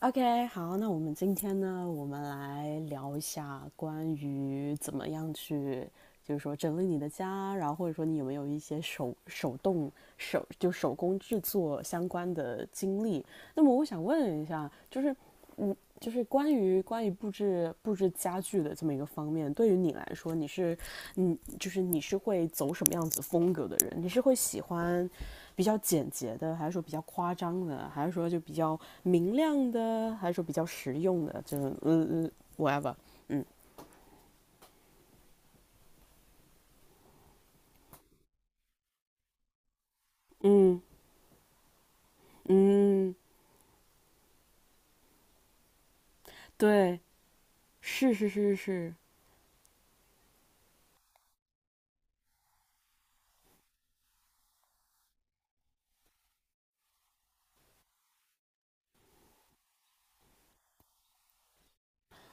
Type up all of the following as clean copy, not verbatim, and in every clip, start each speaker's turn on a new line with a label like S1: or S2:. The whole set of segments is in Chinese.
S1: OK，好，那我们今天呢，我们来聊一下关于怎么样去，就是说整理你的家，然后或者说你有没有一些手手动手就手工制作相关的经历。那么我想问一下，就是关于布置家具的这么一个方面，对于你来说，你是嗯，就是你是会走什么样子风格的人？你是会喜欢比较简洁的，还是说比较夸张的，还是说就比较明亮的，还是说比较实用的，就是whatever，嗯嗯嗯，对，是是是是，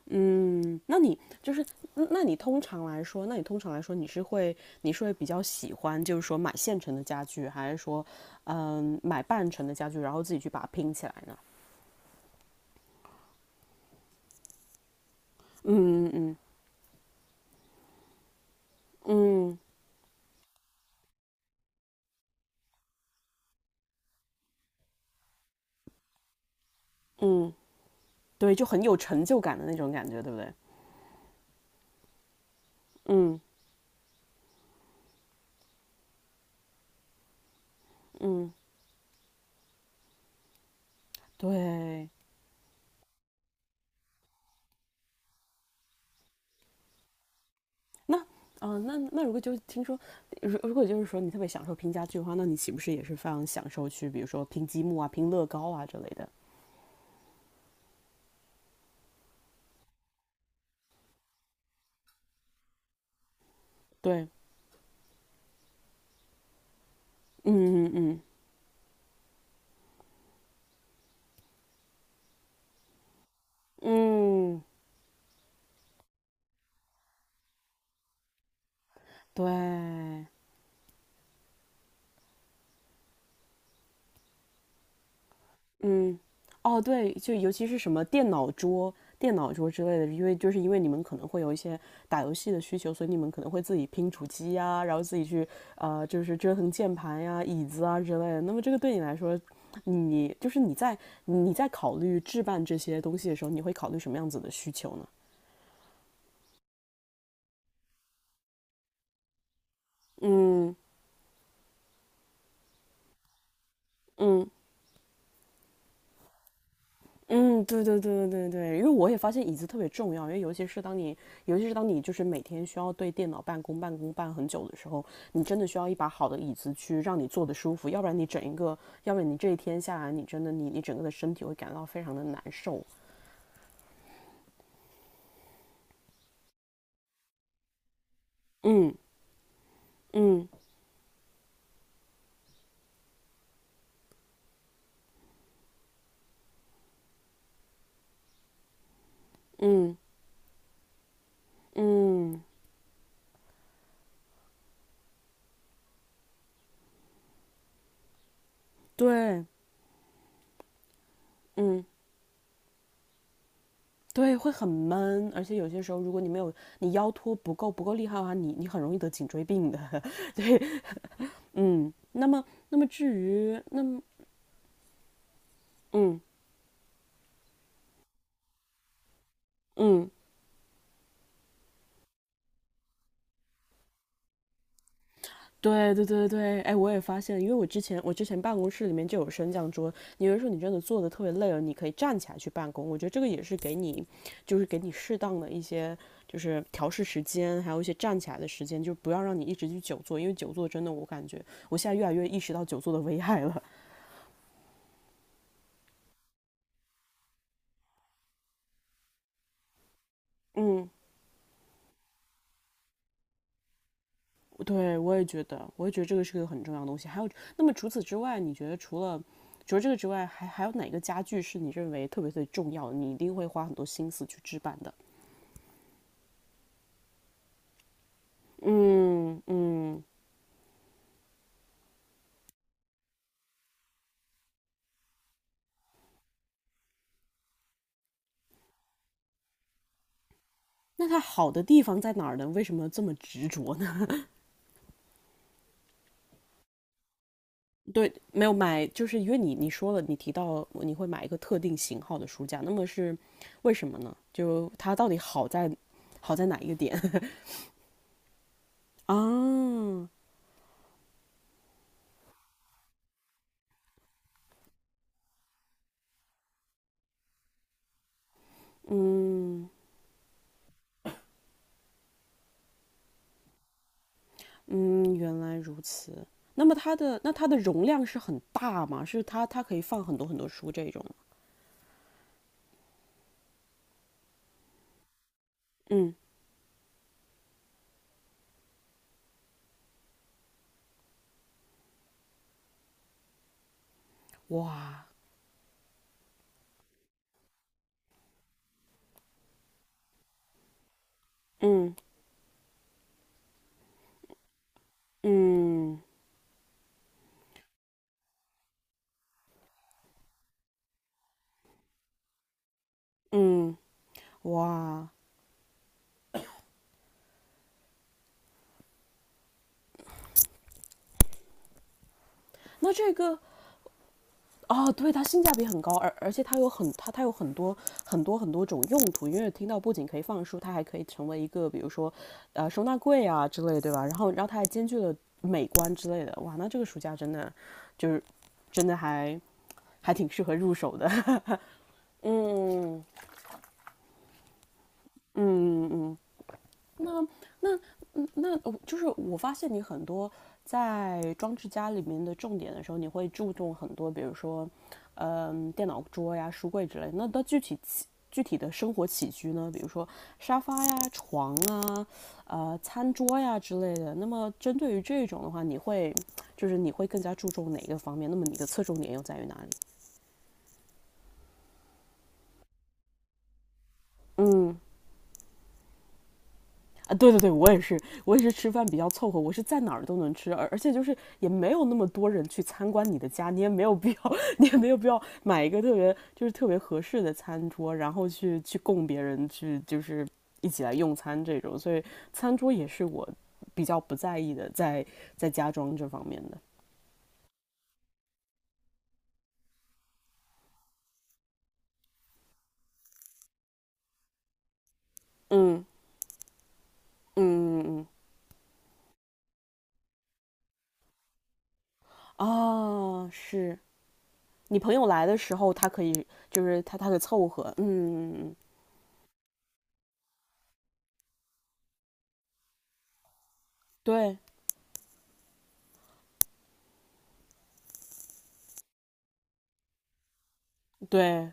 S1: 嗯，那你就是嗯那你通常来说你是会比较喜欢就是说买现成的家具，还是说买半成的家具，然后自己去把它拼起来呢？嗯嗯嗯，对，就很有成就感的那种感觉，对不对？嗯嗯，对。那嗯，那那如果就是说你特别享受拼家具的话，那你岂不是也是非常享受去，比如说拼积木啊、拼乐高啊之类的？对，嗯嗯嗯嗯，对，嗯，哦，对，就尤其是什么电脑桌之类的，因为你们可能会有一些打游戏的需求，所以你们可能会自己拼主机呀，然后自己去就是折腾键盘呀、椅子啊之类的。那么这个对你来说，你就是你在你在考虑置办这些东西的时候，你会考虑什么样子的需求呢？嗯嗯。嗯，对对对对对对，因为我也发现椅子特别重要，因为尤其是当你，就是每天需要对电脑办公办很久的时候，你真的需要一把好的椅子去让你坐得舒服，要不然你这一天下来，你真的你整个的身体会感到非常的难受。嗯嗯嗯嗯，对，嗯对，会很闷，而且有些时候如果你没有你腰托不够厉害的话，你很容易得颈椎病的。对。嗯，那么那么至于那么嗯。嗯，对对对对，哎，我也发现，因为我之前办公室里面就有升降桌，你有的说你真的坐的特别累了，你可以站起来去办公。我觉得这个也是给你，就是给你适当的一些就是调试时间，还有一些站起来的时间，就不要让你一直去久坐，因为久坐真的我感觉我现在越来越意识到久坐的危害了。嗯，对，我也觉得这个是个很重要的东西。还有，那么除此之外，你觉得除了这个之外，还有哪个家具是你认为特别特别重要的你一定会花很多心思去置办的？嗯嗯，那它好的地方在哪儿呢？为什么这么执着呢？对，没有买，就是因为你说了，你提到你会买一个特定型号的书架，那么是为什么呢？就它到底好在哪一个点 啊？嗯嗯，原来如此。那么它的容量是很大吗？是它可以放很多很多书这种吗？嗯，哇，嗯嗯嗯，哇，那这个哦，对，它性价比很高，而且它有很多很多很多种用途，因为听到不仅可以放书，它还可以成为一个比如说，收纳柜啊之类，对吧？然后它还兼具了美观之类的，哇，那这个暑假就是真的还挺适合入手的，嗯嗯嗯。那那我发现你很多在装置家里面的重点的时候，你会注重很多，比如说，电脑桌呀、书柜之类的。那到具体起具体的生活起居呢？比如说沙发呀、床啊、餐桌呀之类的。那么针对于这种的话，你会更加注重哪一个方面？那么你的侧重点又在于哪里？嗯啊，对对对，我也是，我也是吃饭比较凑合，我是在哪儿都能吃，而且就是也没有那么多人去参观你的家，你也没有必要，你也没有必要买一个特别就是特别合适的餐桌，然后去供别人去就是一起来用餐这种，所以餐桌也是我比较不在意的，在家装这方面的。嗯嗯嗯嗯，啊，是你朋友来的时候，他可以凑合，嗯嗯嗯，嗯对对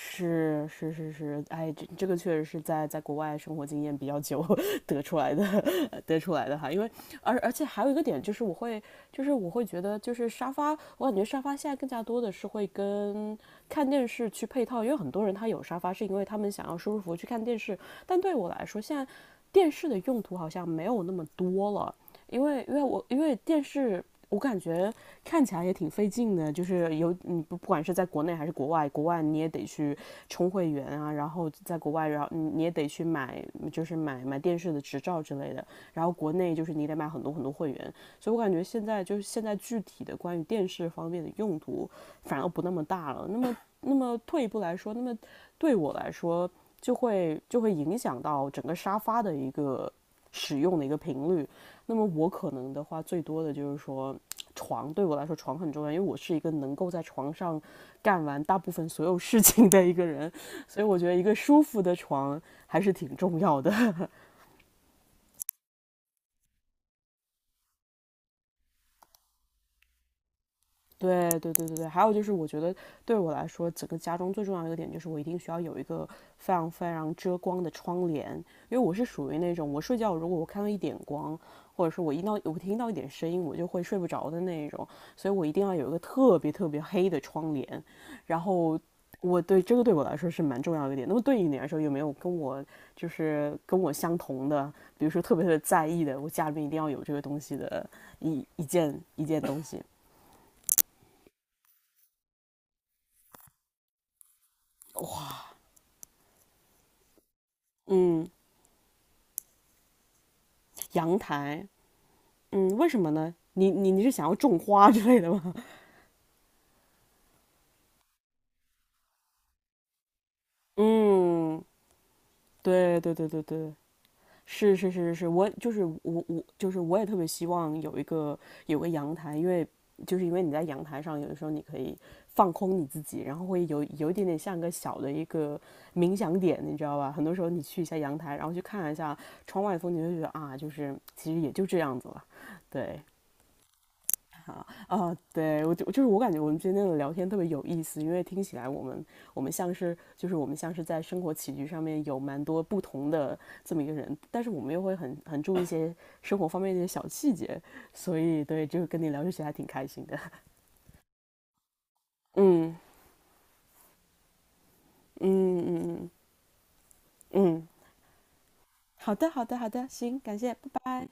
S1: 是是是是，哎，这个确实是在国外生活经验比较久 得出来的，得出来的哈。因为而而且还有一个点就是，我会觉得就是沙发，我感觉沙发现在更加多的是会跟看电视去配套，因为很多人他有沙发是因为他们想要舒舒服服去看电视，但对我来说，现在电视的用途好像没有那么多了。因为电视我感觉看起来也挺费劲的，就是有你不不管是在国内还是国外，国外你也得去充会员啊，然后在国外，然后你也得去买，就是买电视的执照之类的，然后国内就是你得买很多很多会员，所以我感觉现在就是现在具体的关于电视方面的用途反而不那么大了。那么退一步来说，那么对我来说就会影响到整个沙发的一个使用的一个频率。那么我可能的话，最多的就是说，床对我来说床很重要，因为我是一个能够在床上干完大部分所有事情的一个人，所以我觉得一个舒服的床还是挺重要的。对对对对对，还有就是，我觉得对我来说，整个家中最重要的一个点就是，我一定需要有一个非常非常遮光的窗帘，因为我是属于那种，我睡觉如果我看到一点光，或者是我听到一点声音，我就会睡不着的那一种，所以我一定要有一个特别特别黑的窗帘。然后我对这个对我来说是蛮重要的一个点。那么对于你来说，有没有跟我相同的，比如说特别特别在意的，我家里面一定要有这个东西的一件东西？嗯。阳台。嗯，为什么呢？你是想要种花之类的吗？嗯，对对对对对，是是是是是，我就是我我就是我也特别希望有个阳台，因为你在阳台上，有的时候你可以放空你自己，然后会有一点点像个小的一个冥想点，你知道吧？很多时候你去一下阳台，然后去看一下窗外的风景，就觉得啊，就是其实也就这样子了，对。啊，对，我就就是我感觉我们今天的聊天特别有意思，因为听起来我们像是就是我们像是在生活起居上面有蛮多不同的这么一个人，但是我们又会很注意一些生活方面的一些小细节，所以对，就是跟你聊这些还挺开心的。嗯嗯嗯嗯嗯，好的好的好的，行，感谢，拜拜。